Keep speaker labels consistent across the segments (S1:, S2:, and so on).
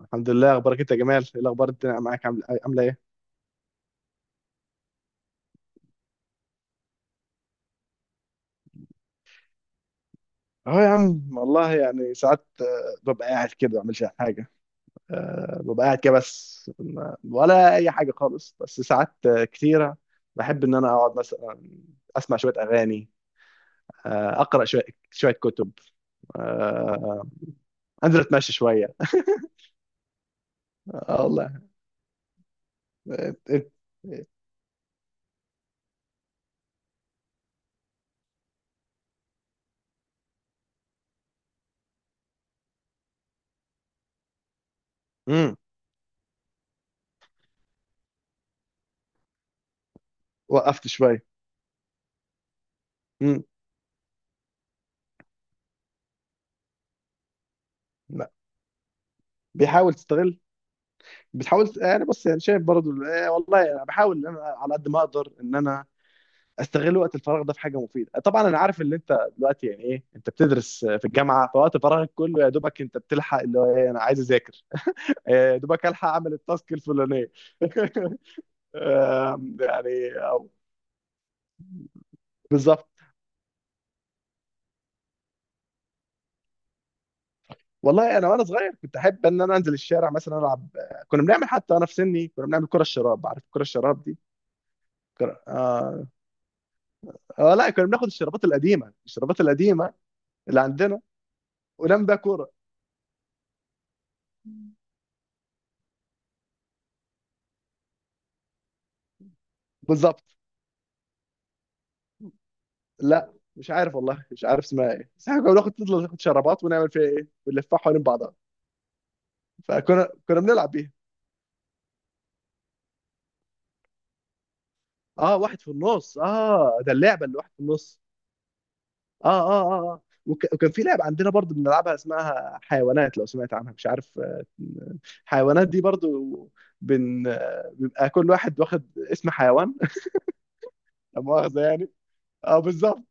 S1: الحمد لله. اخبارك انت يا جمال؟ ايه الاخبار؟ الدنيا معاك عامله ايه؟ اه يا عم، والله يعني ساعات، ببقى قاعد كده، ما بعملش حاجه. ببقى قاعد كده، بس ولا اي حاجه خالص. بس ساعات كتيره. بحب ان انا اقعد، مثلا اسمع شويه اغاني، اقرا شويه، شويه كتب، آه، انزل اتمشى شويه. اه والله. آه. آه. آه. مم. وقفت شويه. مم. لا. بيحاول تستغل، بتحاول. يعني بص، يعني شايف برضو، والله انا بحاول ان انا على قد ما اقدر ان انا استغل وقت الفراغ ده في حاجه مفيده. طبعا انا عارف ان انت دلوقتي، يعني ايه، انت بتدرس في الجامعه، فوقت فراغك كله يا دوبك انت بتلحق اللي هو ايه، انا عايز اذاكر، إيه، يا دوبك الحق اعمل التاسك الفلانيه. يعني أو- بالظبط. والله انا وانا صغير كنت احب ان انا انزل الشارع مثلا العب. كنا بنعمل، حتى انا في سني، كنا بنعمل كره الشراب. عارف كره الشراب دي؟ كرة. آه. آه، لا، كنا بناخد الشرابات القديمة اللي عندنا ونعمل بيها كوره. بالظبط. لا مش عارف، والله مش عارف اسمها ايه، بس احنا كنا بناخد، نفضل ناخد شرابات ونعمل فيها ايه، ونلفها حوالين بعضها. فكنا بنلعب بيها. اه، واحد في النص، اه ده اللعبه اللي واحد في النص. اه، اه، اه، اه، وكان في لعبه عندنا برضو بنلعبها اسمها حيوانات، لو سمعت عنها مش عارف. حيوانات دي برضو بيبقى كل واحد واخد اسم حيوان. لا مؤاخذه يعني. اه بالظبط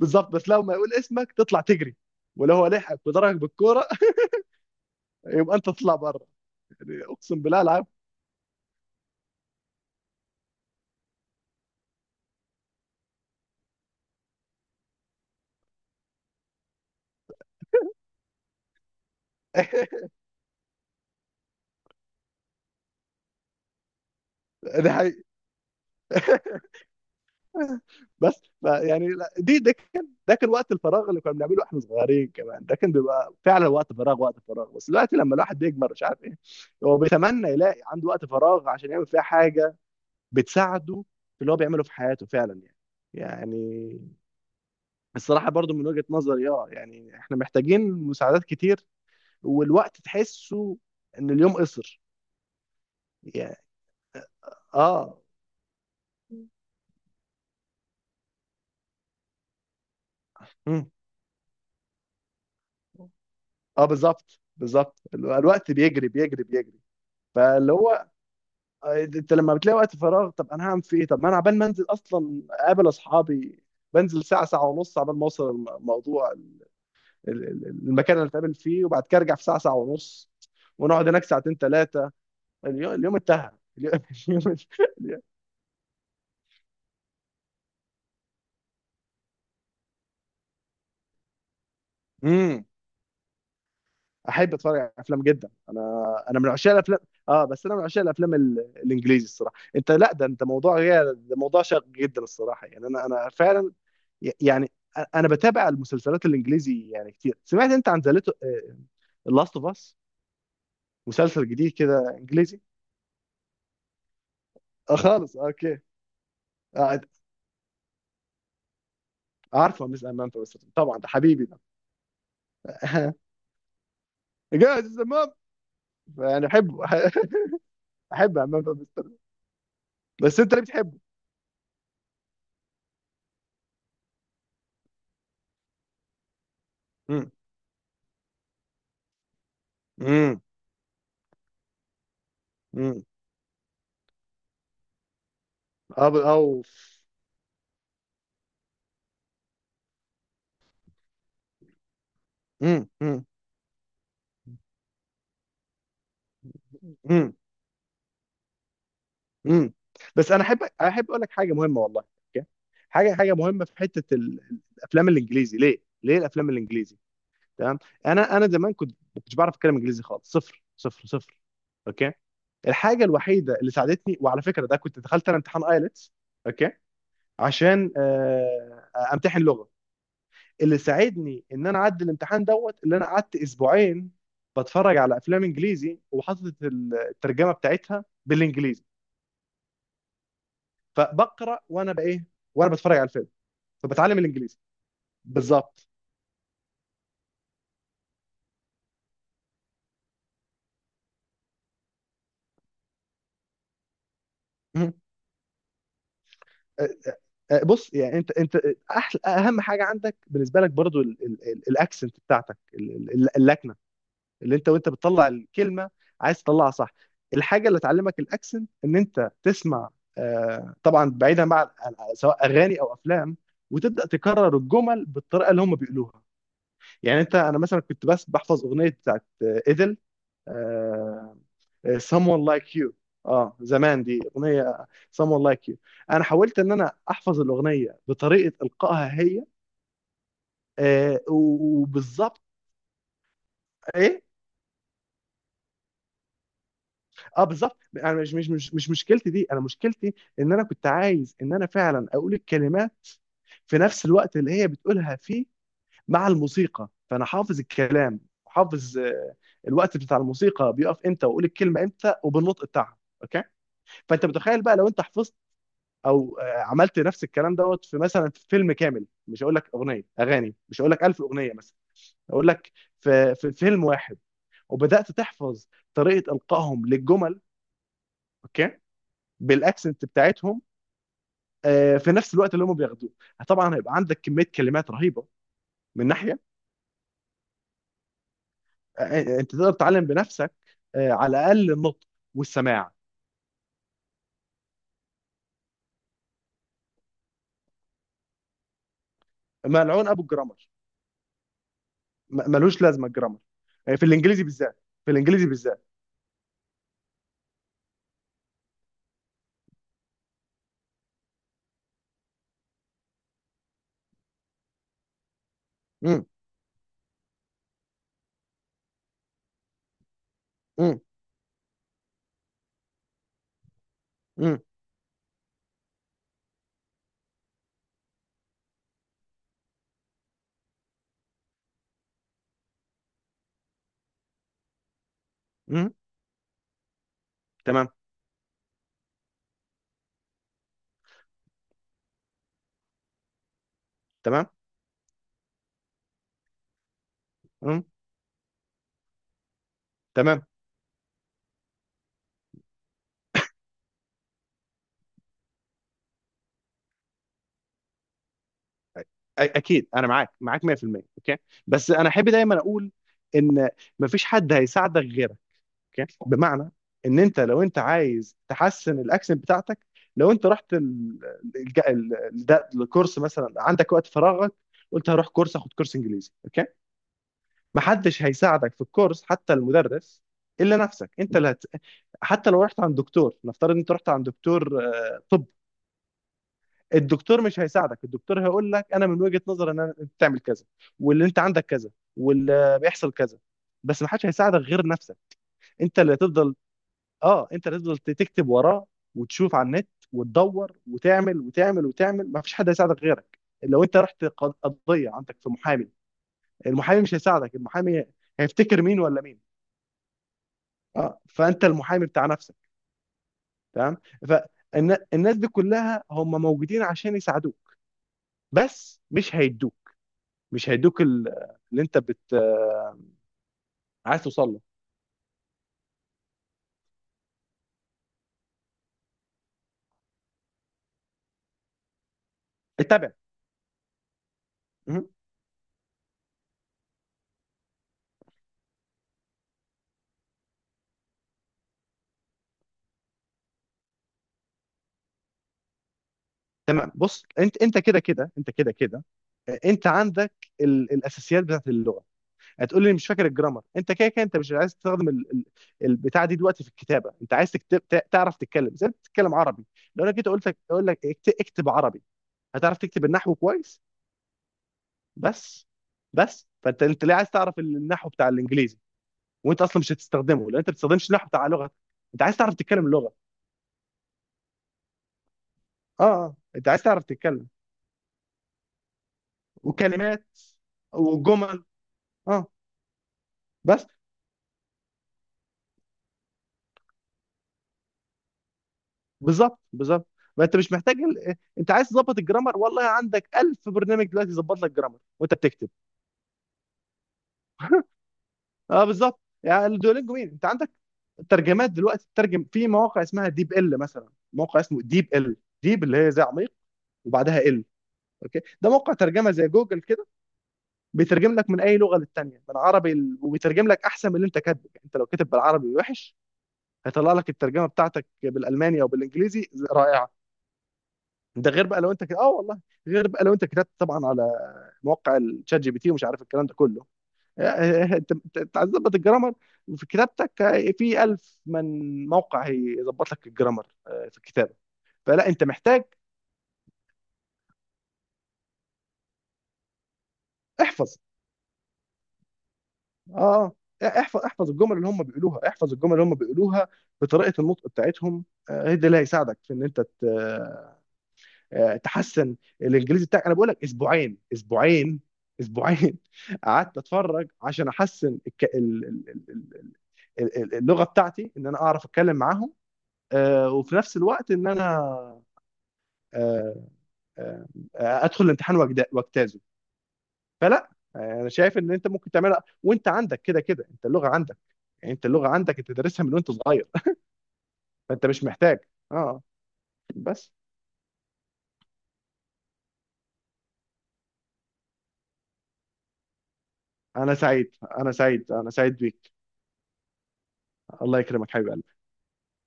S1: بالظبط. بس لو ما يقول اسمك تطلع تجري، ولو هو لحقك وضربك بالكوره يبقى انت تطلع بره. يعني، اقسم بالله العب. ده حقيقي. بس يعني ده كان وقت الفراغ اللي كنا بنعمله احنا صغيرين. كمان ده كان بيبقى فعلا وقت فراغ، وقت فراغ. بس دلوقتي لما الواحد بيكبر مش عارف ايه، هو بيتمنى يلاقي عنده وقت فراغ عشان يعمل فيها حاجه بتساعده في اللي هو بيعمله في حياته، فعلا يعني الصراحه برضو من وجهه نظري، اه يعني احنا محتاجين مساعدات كتير، والوقت تحسه ان اليوم قصر، يعني اه. مم. اه بالظبط بالظبط، الوقت بيجري بيجري بيجري. فاللي هو، انت لما بتلاقي وقت فراغ، طب انا هعمل فيه ايه؟ طب ما انا عبال ما انزل اصلا اقابل اصحابي، بنزل ساعه ساعه ونص عبال ما اوصل الموضوع المكان اللي اتقابل فيه، وبعد كده ارجع في ساعه ساعه ونص، ونقعد هناك ساعتين 3. اليوم انتهى. اليوم اليوم- امم احب اتفرج على افلام جدا انا من عشاق الافلام. اه بس انا من عشاق الافلام الانجليزي. الصراحه، انت، لا ده انت موضوع غير، ده موضوع شاق جدا الصراحه. يعني انا فعلا يعني انا بتابع المسلسلات الانجليزي يعني كتير. سمعت انت عن ذا لاست اوف اس؟ مسلسل جديد كده انجليزي. اه خالص اوكي. آه، عارفه مس امام فمستر، طبعا ده حبيبي ده. جاهز يا امام، يعني احبه. احب امام فمستر. بس انت ليه بتحبه؟ امم امم امم اه أوف. امم امم امم امم بس انا احب اقول لك حاجه مهمه والله. أوكي؟ حاجه مهمه في حته الافلام الانجليزي. ليه، ليه الافلام الانجليزي؟ تمام. انا زمان كنت ما كنتش بعرف اتكلم انجليزي خالص، صفر صفر صفر. اوكي، الحاجه الوحيده اللي ساعدتني، وعلى فكره ده كنت دخلت انا امتحان ايلتس، اوكي، عشان امتحن لغه، اللي ساعدني ان انا اعدي الامتحان دوت، اللي انا قعدت اسبوعين بتفرج على افلام انجليزي، وحاطط الترجمه بتاعتها بالانجليزي. فبقرا وانا بايه؟ وانا بتفرج على الفيلم فبتعلم الانجليزي. بالظبط. مم. أ- بص يعني، انت احلى، اهم حاجه عندك بالنسبه لك برضو الاكسنت بتاعتك، اللكنه، اللي انت وانت بتطلع الكلمه عايز تطلعها صح. الحاجه اللي تعلمك الاكسنت ان انت تسمع، طبعا بعيدا بقى سواء اغاني او افلام، وتبدا تكرر الجمل بالطريقه اللي هم بيقولوها. يعني انت، انا مثلا كنت بس بحفظ اغنيه بتاعت ايدل، someone like you. اه زمان دي اغنيه، someone like you، انا حاولت ان انا احفظ الاغنيه بطريقه القائها هي. آه، وبالظبط. ايه. اه بالظبط، انا مش مشكلتي دي. انا مشكلتي ان انا كنت عايز ان انا فعلا اقول الكلمات في نفس الوقت اللي هي بتقولها فيه، مع الموسيقى. فانا حافظ الكلام، حافظ الوقت بتاع الموسيقى بيقف امتى، واقول الكلمه امتى وبالنطق بتاعها. اوكي. فانت متخيل بقى لو انت حفظت، او عملت نفس الكلام دوت في، مثلا، في فيلم كامل. مش هقول لك اغاني، مش هقول لك 1000 اغنيه مثلا، هقول لك في فيلم واحد، وبدات تحفظ طريقه القائهم للجمل، اوكي، بالاكسنت بتاعتهم، في نفس الوقت اللي هم بياخدوه. طبعا هيبقى عندك كميه كلمات رهيبه من ناحيه. انت تقدر تتعلم بنفسك، على الاقل النطق والسماع. ملعون ابو الجرامر. ملوش لازمه الجرامر في الانجليزي بالذات، في الانجليزي بالذات. مم. مم. مم. مم. تمام تمام تمام. اكيد انا معاك معاك 100% اوكي. بس انا احب دايما اقول ان مفيش حد هيساعدك غيرك. اوكي، بمعنى ان انت، لو انت عايز تحسن الاكسنت بتاعتك، لو انت رحت ال... الج- ال... ال- ده الكورس مثلا، عندك وقت فراغك، قلت هروح كورس، اخد كورس انجليزي، اوكي، محدش هيساعدك في الكورس حتى المدرس، الا نفسك. انت اللي حتى لو رحت عند دكتور، نفترض انت رحت عند دكتور، طب، الدكتور مش هيساعدك. الدكتور هيقول لك انا من وجهة نظري، ان انت تعمل كذا، واللي انت عندك كذا، واللي بيحصل كذا. بس ما حدش هيساعدك غير نفسك. انت اللي هتفضل اه انت اللي هتفضل تكتب وراه، وتشوف على النت، وتدور، وتعمل وتعمل وتعمل. ما فيش حد هيساعدك غيرك. لو انت رحت قضية عندك في محامي، المحامي مش هيساعدك. المحامي هيفتكر مين ولا مين؟ اه فانت المحامي بتاع نفسك. تمام. فالناس دي كلها هم موجودين عشان يساعدوك، بس مش هيدوك اللي انت عايز توصل له. اتبع مهم. تمام. بص انت، كده كده، انت عندك الاساسيات بتاعت اللغه. هتقول لي مش فاكر الجرامر. انت كده كده انت مش عايز تستخدم البتاع دي دلوقتي في الكتابه. انت عايز تعرف تتكلم زي ما بتتكلم عربي. لو انا جيت قلت لك اقول لك اكتب عربي، هتعرف تكتب النحو كويس؟ بس بس فانت ليه عايز تعرف النحو بتاع الانجليزي وانت اصلا مش هتستخدمه، لان انت ما بتستخدمش النحو بتاع لغتك؟ انت عايز تعرف تتكلم اللغه. اه، اه، انت عايز تعرف تتكلم، وكلمات، وجمل. اه بس، بالظبط بالظبط. ما انت مش محتاج انت عايز تظبط الجرامر، والله عندك ألف برنامج دلوقتي يظبط لك جرامر وانت بتكتب. اه بالظبط، يعني الدولينجو مين؟ انت عندك ترجمات دلوقتي، تترجم في مواقع اسمها ديب ال. مثلا موقع اسمه ديب ال، ديب اللي هي زي عميق، وبعدها ال. اوكي، ده موقع ترجمه زي جوجل كده، بيترجم لك من اي لغه للتانيه، من عربي وبيترجم لك احسن من اللي انت كاتبه. يعني انت لو كاتب بالعربي وحش، هيطلع لك الترجمه بتاعتك بالالماني او بالانجليزي رائعه. ده غير بقى لو انت كده، اه والله، غير بقى لو انت كتبت طبعا على موقع الشات جي بي تي ومش عارف الكلام ده كله. انت، أنت عايز تظبط الجرامر في كتابتك، في ألف من موقع هيظبط لك الجرامر في الكتابه. فلا انت محتاج. احفظ. اه احفظ الجمل اللي هم بيقولوها، احفظ الجمل اللي هم بيقولوها بطريقه النطق بتاعتهم، هي دي اللي هيساعدك في ان انت تحسن الانجليزي بتاعك. انا بقول لك اسبوعين، اسبوعين، اسبوعين قعدت اتفرج عشان احسن الك... ال... ال... ال... ال- ال- اللغه بتاعتي، ان انا اعرف اتكلم معاهم، وفي نفس الوقت ان انا آه، آه، ادخل الامتحان واجتازه. فلا، انا شايف ان انت ممكن تعملها، وانت عندك كده كده. انت اللغه عندك، يعني انت اللغه عندك، انت دارسها من وانت صغير. فانت مش محتاج. اه بس، انا سعيد، انا سعيد، انا سعيد بيك. الله يكرمك حبيبي.